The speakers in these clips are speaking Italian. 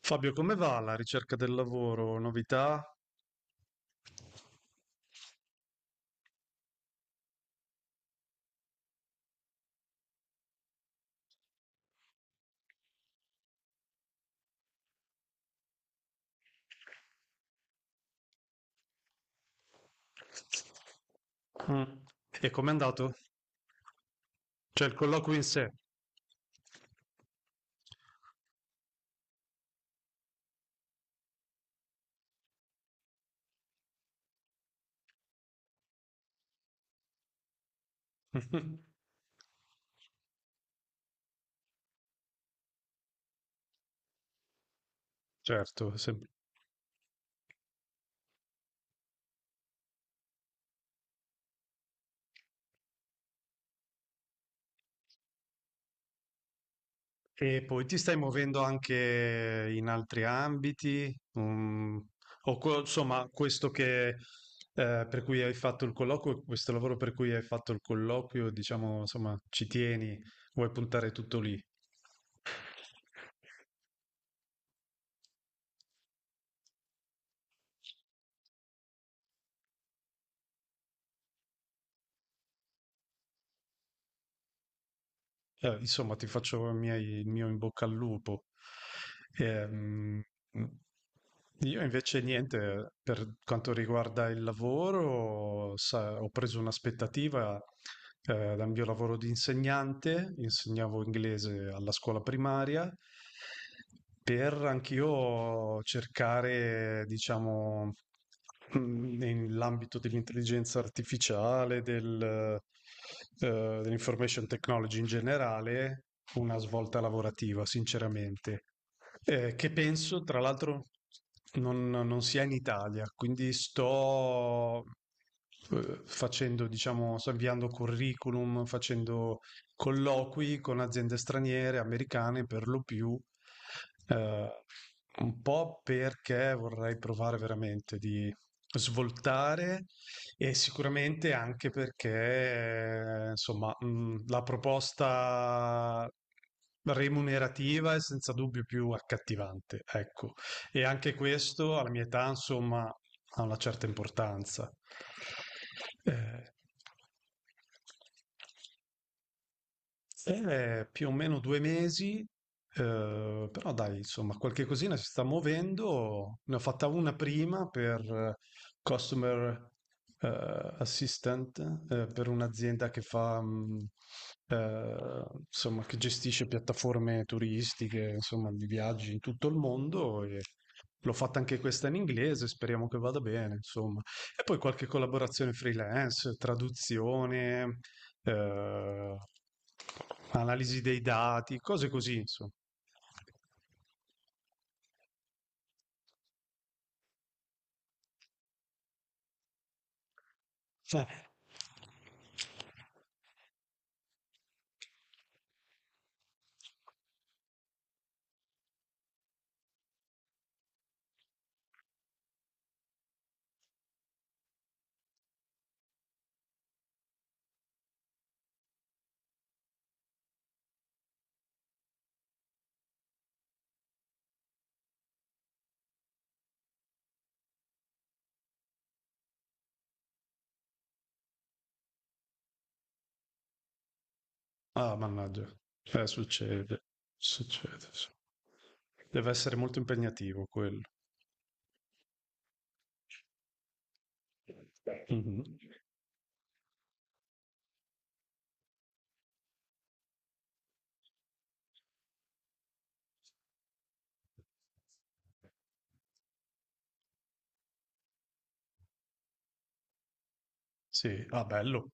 Fabio, come va la ricerca del lavoro? Novità? Mm. E com'è andato? Cioè il colloquio in sé. Certo, sempre. E poi ti stai muovendo anche in altri ambiti, mm, insomma, questo che per cui hai fatto il colloquio, questo lavoro per cui hai fatto il colloquio, diciamo, insomma, ci tieni, vuoi puntare tutto lì. Insomma, ti faccio i miei- il mio in bocca al lupo. Ehm, io invece niente, per quanto riguarda il lavoro, ho preso un'aspettativa dal mio lavoro di insegnante, insegnavo inglese alla scuola primaria per anch'io cercare, diciamo, nell'ambito dell'intelligenza artificiale, dell'information technology in generale, una svolta lavorativa, sinceramente. Che penso, tra l'altro, non sia in Italia, quindi sto facendo, diciamo, sto inviando curriculum, facendo colloqui con aziende straniere, americane per lo più, eh, un po' perché vorrei provare veramente di svoltare e sicuramente anche perché, insomma, la proposta remunerativa è senza dubbio più accattivante, ecco. E anche questo alla mia età, insomma, ha una certa importanza. Eh, è più o meno due mesi, però dai, insomma, qualche cosina si sta muovendo. Ne ho fatta una prima per Customer Assistant, per un'azienda che fa, insomma, che gestisce piattaforme turistiche, insomma, di viaggi in tutto il mondo. E l'ho fatta anche questa in inglese, speriamo che vada bene, insomma. E poi qualche collaborazione freelance, traduzione, eh, analisi dei dati, cose così, insomma. Eh. Ah, mannaggia. Succede, succede. Sì. Deve essere molto impegnativo quello. Mhm. Sì, ah, bello.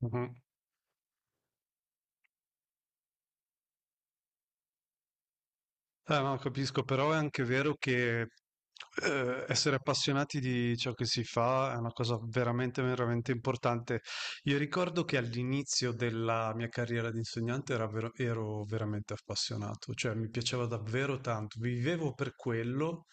Mhm. No, capisco, però è anche vero che essere appassionati di ciò che si fa è una cosa veramente, veramente importante. Io ricordo che all'inizio della mia carriera di insegnante ero veramente appassionato, cioè mi piaceva davvero tanto, vivevo per quello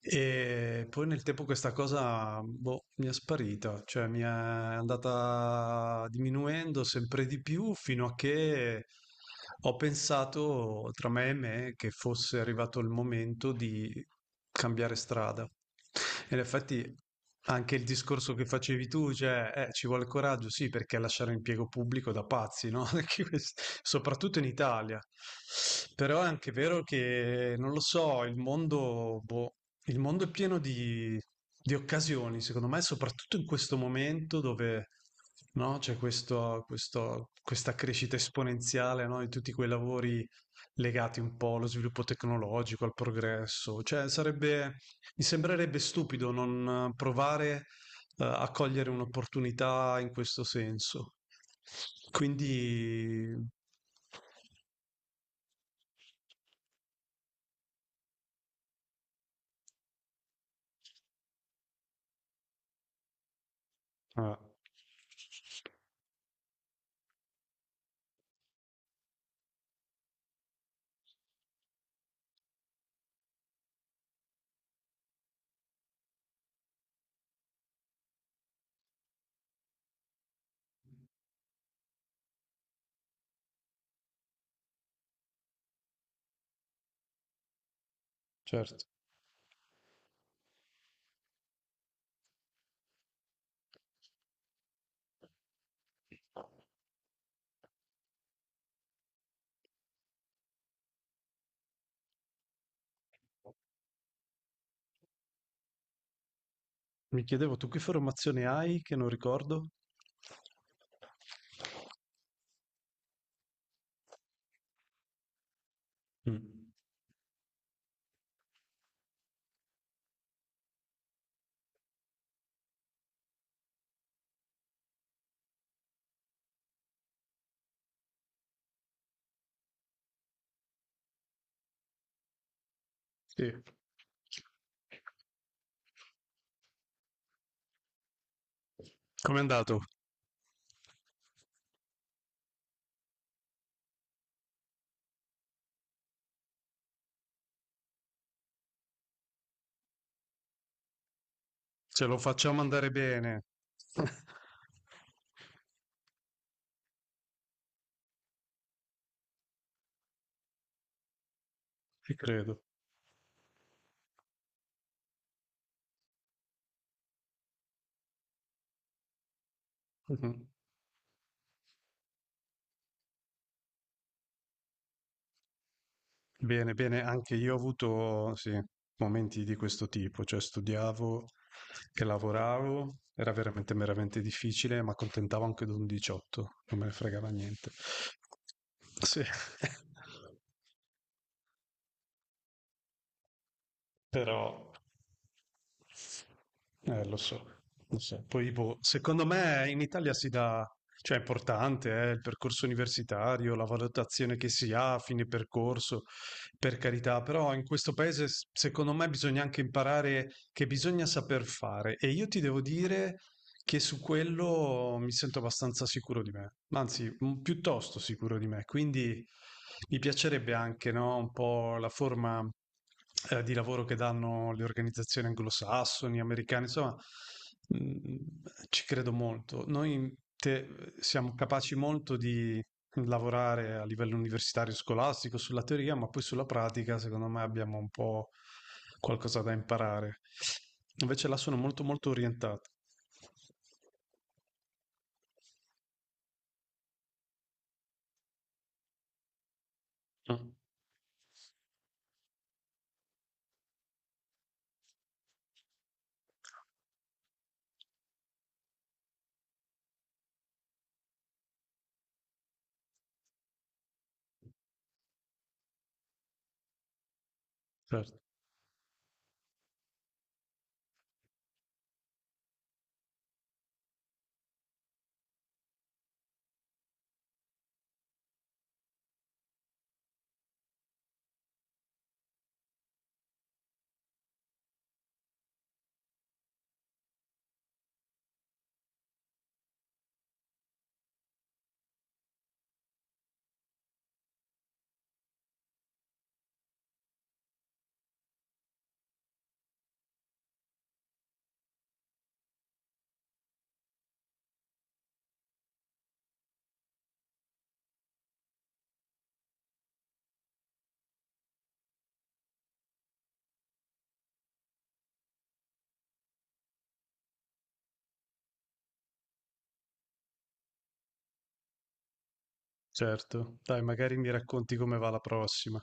e poi nel tempo questa cosa, boh, mi è sparita, cioè mi è andata diminuendo sempre di più fino a che ho pensato tra me e me che fosse arrivato il momento di cambiare strada. E in effetti anche il discorso che facevi tu, cioè, ci vuole coraggio, sì, perché lasciare l'impiego pubblico da pazzi, no? Soprattutto in Italia. Però è anche vero che, non lo so, il mondo, boh, il mondo è pieno di occasioni, secondo me, soprattutto in questo momento dove, no, c'è questa crescita esponenziale, no, di tutti quei lavori legati un po' allo sviluppo tecnologico, al progresso. Cioè, sarebbe, mi sembrerebbe stupido non provare, a cogliere un'opportunità in questo senso. Quindi, ah, certo. Mi chiedevo, tu che formazione hai che non ricordo? Mm. Sì. Com'è andato? Ce lo facciamo andare bene. Ci credo. Bene, bene, anche io ho avuto, sì, momenti di questo tipo, cioè studiavo e lavoravo, era veramente, veramente difficile, ma accontentavo anche di un 18, non me ne fregava niente. Sì. Però, lo so, lo so. Poi, boh, secondo me in Italia si dà, cioè è importante, il percorso universitario, la valutazione che si ha a fine percorso, per carità, però in questo paese, secondo me bisogna anche imparare che bisogna saper fare. E io ti devo dire che su quello mi sento abbastanza sicuro di me, anzi, piuttosto sicuro di me, quindi mi piacerebbe anche, no, un po' la forma, di lavoro che danno le organizzazioni anglosassoni, americane, insomma, mh, ci credo molto. Siamo capaci molto di lavorare a livello universitario scolastico sulla teoria, ma poi sulla pratica, secondo me, abbiamo un po' qualcosa da imparare. Invece là sono molto molto orientato. Ah, certo, certo. Dai, magari mi racconti come va la prossima.